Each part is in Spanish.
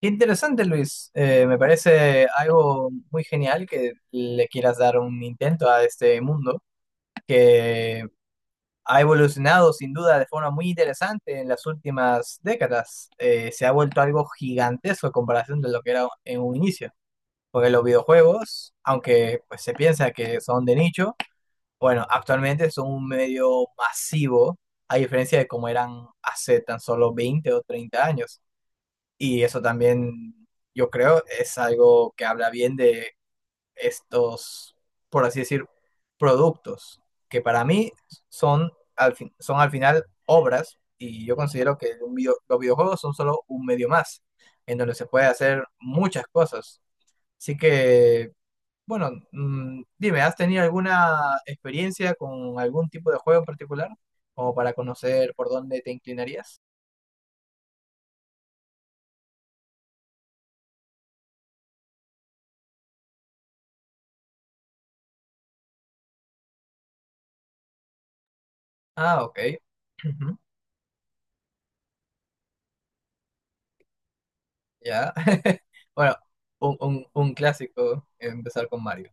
Qué interesante, Luis. Me parece algo muy genial que le quieras dar un intento a este mundo que ha evolucionado sin duda de forma muy interesante en las últimas décadas. Se ha vuelto algo gigantesco en comparación de lo que era en un inicio. Porque los videojuegos, aunque pues, se piensa que son de nicho, bueno, actualmente son un medio masivo, a diferencia de cómo eran hace tan solo 20 o 30 años. Y eso también, yo creo, es algo que habla bien de estos, por así decir, productos, que para mí son al final obras, y yo considero que los videojuegos son solo un medio más, en donde se puede hacer muchas cosas. Así que, bueno, dime, ¿has tenido alguna experiencia con algún tipo de juego en particular? Como para conocer por dónde te inclinarías. Ah, ok. Ya. Bueno, un clásico empezar con Mario.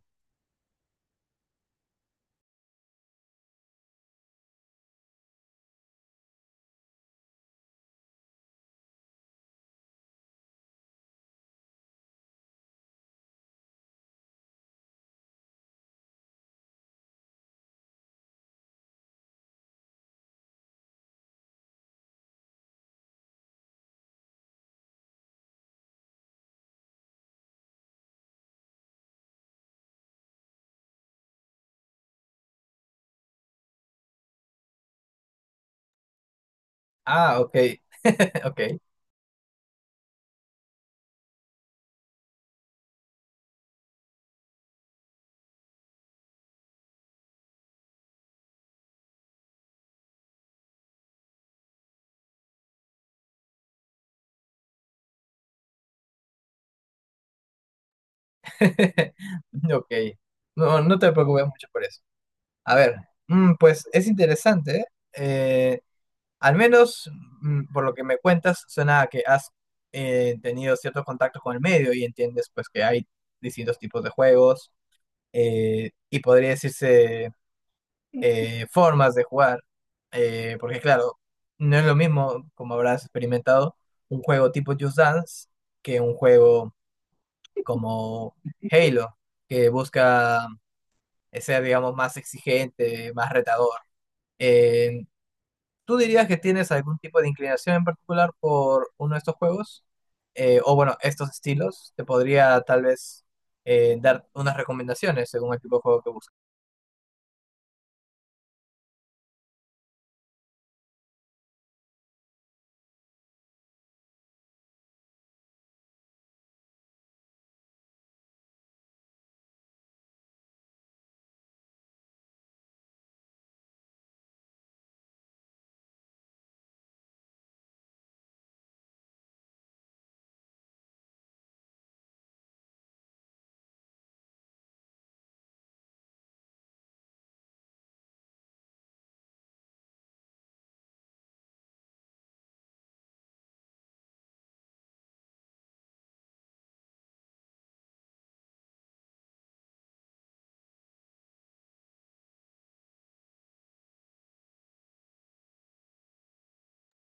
Ah, ok. Ok. Ok. No, no te preocupes mucho por eso. A ver, pues es interesante. ¿Eh? Eh, Al menos, por lo que me cuentas, suena a que has tenido ciertos contactos con el medio y entiendes pues que hay distintos tipos de juegos, y podría decirse formas de jugar, porque claro, no es lo mismo, como habrás experimentado, un juego tipo Just Dance que un juego como Halo, que busca ser, digamos, más exigente, más retador. Eh, ¿Tú dirías que tienes algún tipo de inclinación en particular por uno de estos juegos? O bueno, estos estilos, te podría tal vez dar unas recomendaciones según el tipo de juego que buscas.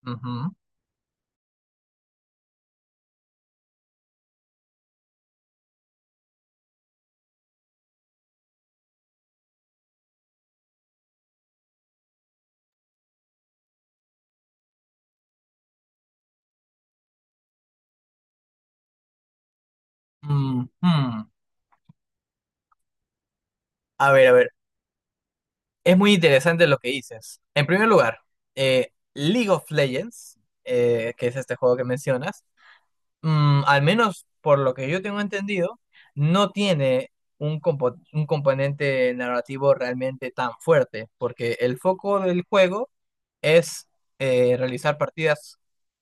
Ujú. Mm, mm. A ver, a ver. Es muy interesante lo que dices. En primer lugar, League of Legends, que es este juego que mencionas, al menos por lo que yo tengo entendido, no tiene un componente narrativo realmente tan fuerte, porque el foco del juego es realizar partidas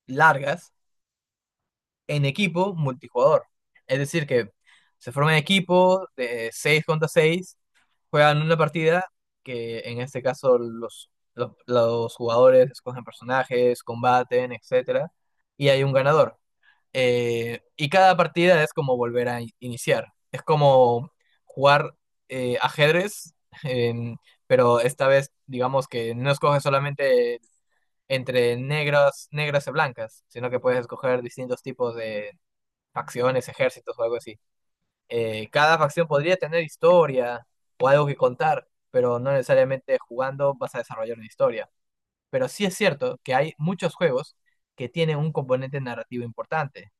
largas en equipo multijugador. Es decir, que se forman equipos de 6 contra 6. Juegan una partida que en este caso los jugadores escogen personajes, combaten, etcétera, y hay un ganador. Y cada partida es como volver a iniciar. Es como jugar ajedrez, em, pero esta vez digamos que no escoges solamente entre negras y blancas, sino que puedes escoger distintos tipos de facciones, ejércitos o algo así. Cada facción podría tener historia o algo que contar, pero no necesariamente jugando vas a desarrollar una historia. Pero sí es cierto que hay muchos juegos que tienen un componente narrativo importante.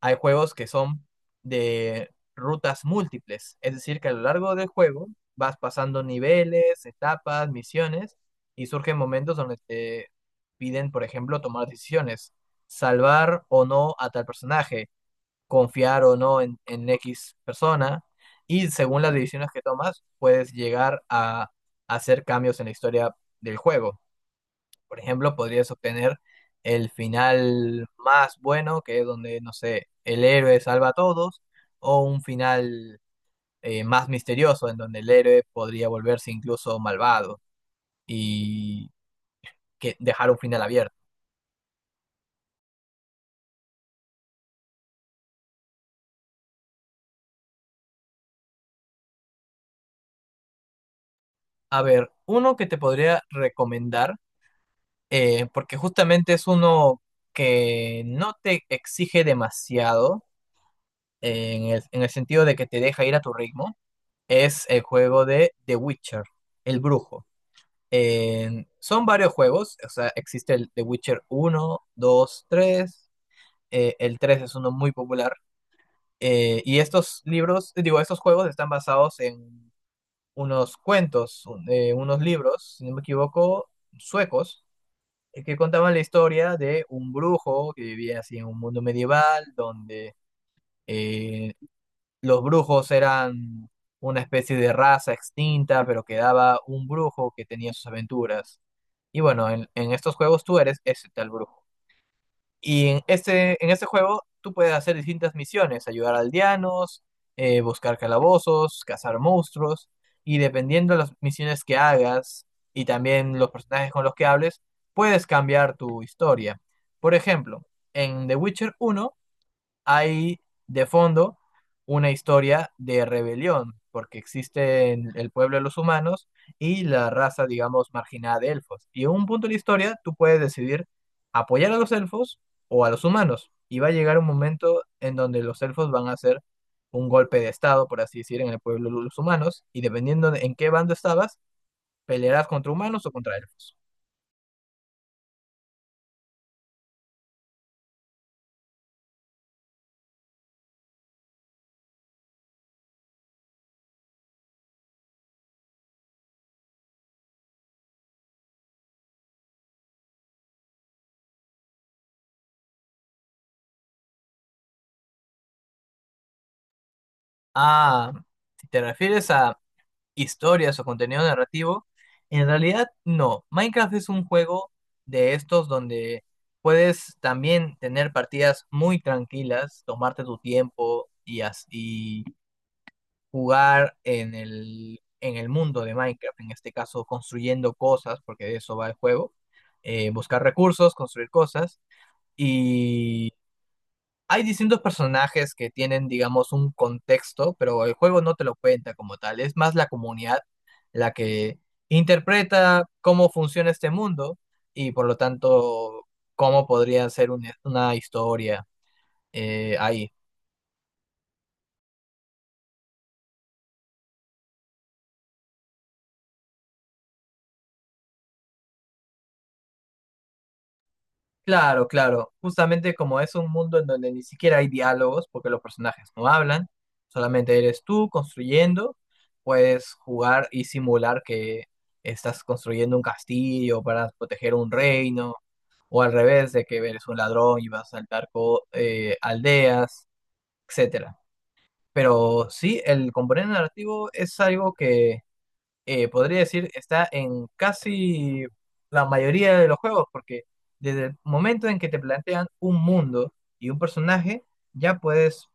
Hay juegos que son de rutas múltiples, es decir, que a lo largo del juego vas pasando niveles, etapas, misiones, y surgen momentos donde te piden, por ejemplo, tomar decisiones, salvar o no a tal personaje, confiar o no en, en X persona. Y según las decisiones que tomas, puedes llegar a hacer cambios en la historia del juego. Por ejemplo, podrías obtener el final más bueno, que es donde, no sé, el héroe salva a todos, o un final, más misterioso, en donde el héroe podría volverse incluso malvado y que dejar un final abierto. A ver, uno que te podría recomendar, porque justamente es uno que no te exige demasiado, en el sentido de que te deja ir a tu ritmo, es el juego de The Witcher, El Brujo. Son varios juegos, o sea, existe el The Witcher uno 2 tres. El 3 es uno muy popular. Y estos libros, digo, estos juegos están basados en unos cuentos, unos libros, si no me equivoco, suecos, que contaban la historia de un brujo que vivía así en un mundo medieval, donde eh, los brujos eran una especie de raza extinta, pero quedaba un brujo que tenía sus aventuras. Y bueno, en estos juegos tú eres ese tal brujo. Y en este juego tú puedes hacer distintas misiones, ayudar a aldeanos, buscar calabozos, cazar monstruos, y dependiendo de las misiones que hagas y también los personajes con los que hables, puedes cambiar tu historia. Por ejemplo, en The Witcher uno hay de fondo una historia de rebelión, porque existe en el pueblo de los humanos y la raza, digamos, marginada de elfos. Y en un punto de la historia tú puedes decidir apoyar a los elfos o a los humanos. Y va a llegar un momento en donde los elfos van a hacer un golpe de estado, por así decir, en el pueblo de los humanos, y dependiendo de en qué bando estabas, pelearás contra humanos o contra elfos. Ah, si te refieres a historias o contenido narrativo, en realidad no. Minecraft es un juego de estos donde puedes también tener partidas muy tranquilas, tomarte tu tiempo y, y jugar en el mundo de Minecraft, en este caso construyendo cosas, porque de eso va el juego. Buscar recursos, construir cosas. Y hay distintos personajes que tienen, digamos, un contexto, pero el juego no te lo cuenta como tal. Es más la comunidad la que interpreta cómo funciona este mundo y por lo tanto cómo podría ser una historia, ahí. Claro, claro. Justamente como es un mundo en donde ni siquiera hay diálogos porque los personajes no hablan, solamente eres tú construyendo, puedes jugar y simular que estás construyendo un castillo para proteger un reino o al revés, de que eres un ladrón y vas a saltar aldeas, etcétera. Pero sí, el componente narrativo es algo que, podría decir está en casi la mayoría de los juegos, porque desde el momento en que te plantean un mundo y un personaje, ya puedes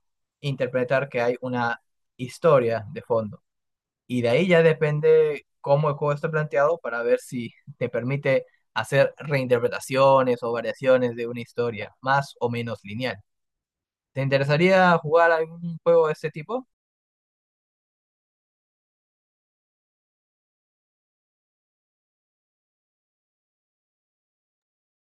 interpretar que hay una historia de fondo. Y de ahí ya depende cómo el juego esté planteado para ver si te permite hacer reinterpretaciones o variaciones de una historia, más o menos lineal. ¿Te interesaría jugar algún juego de este tipo?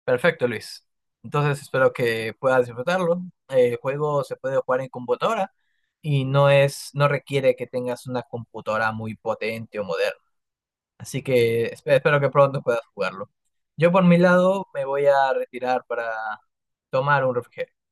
Perfecto, Luis. Entonces espero que puedas disfrutarlo. El juego se puede jugar en computadora y no es, no requiere que tengas una computadora muy potente o moderna. Así que espero que pronto puedas jugarlo. Yo por mi lado me voy a retirar para tomar un refrigerio.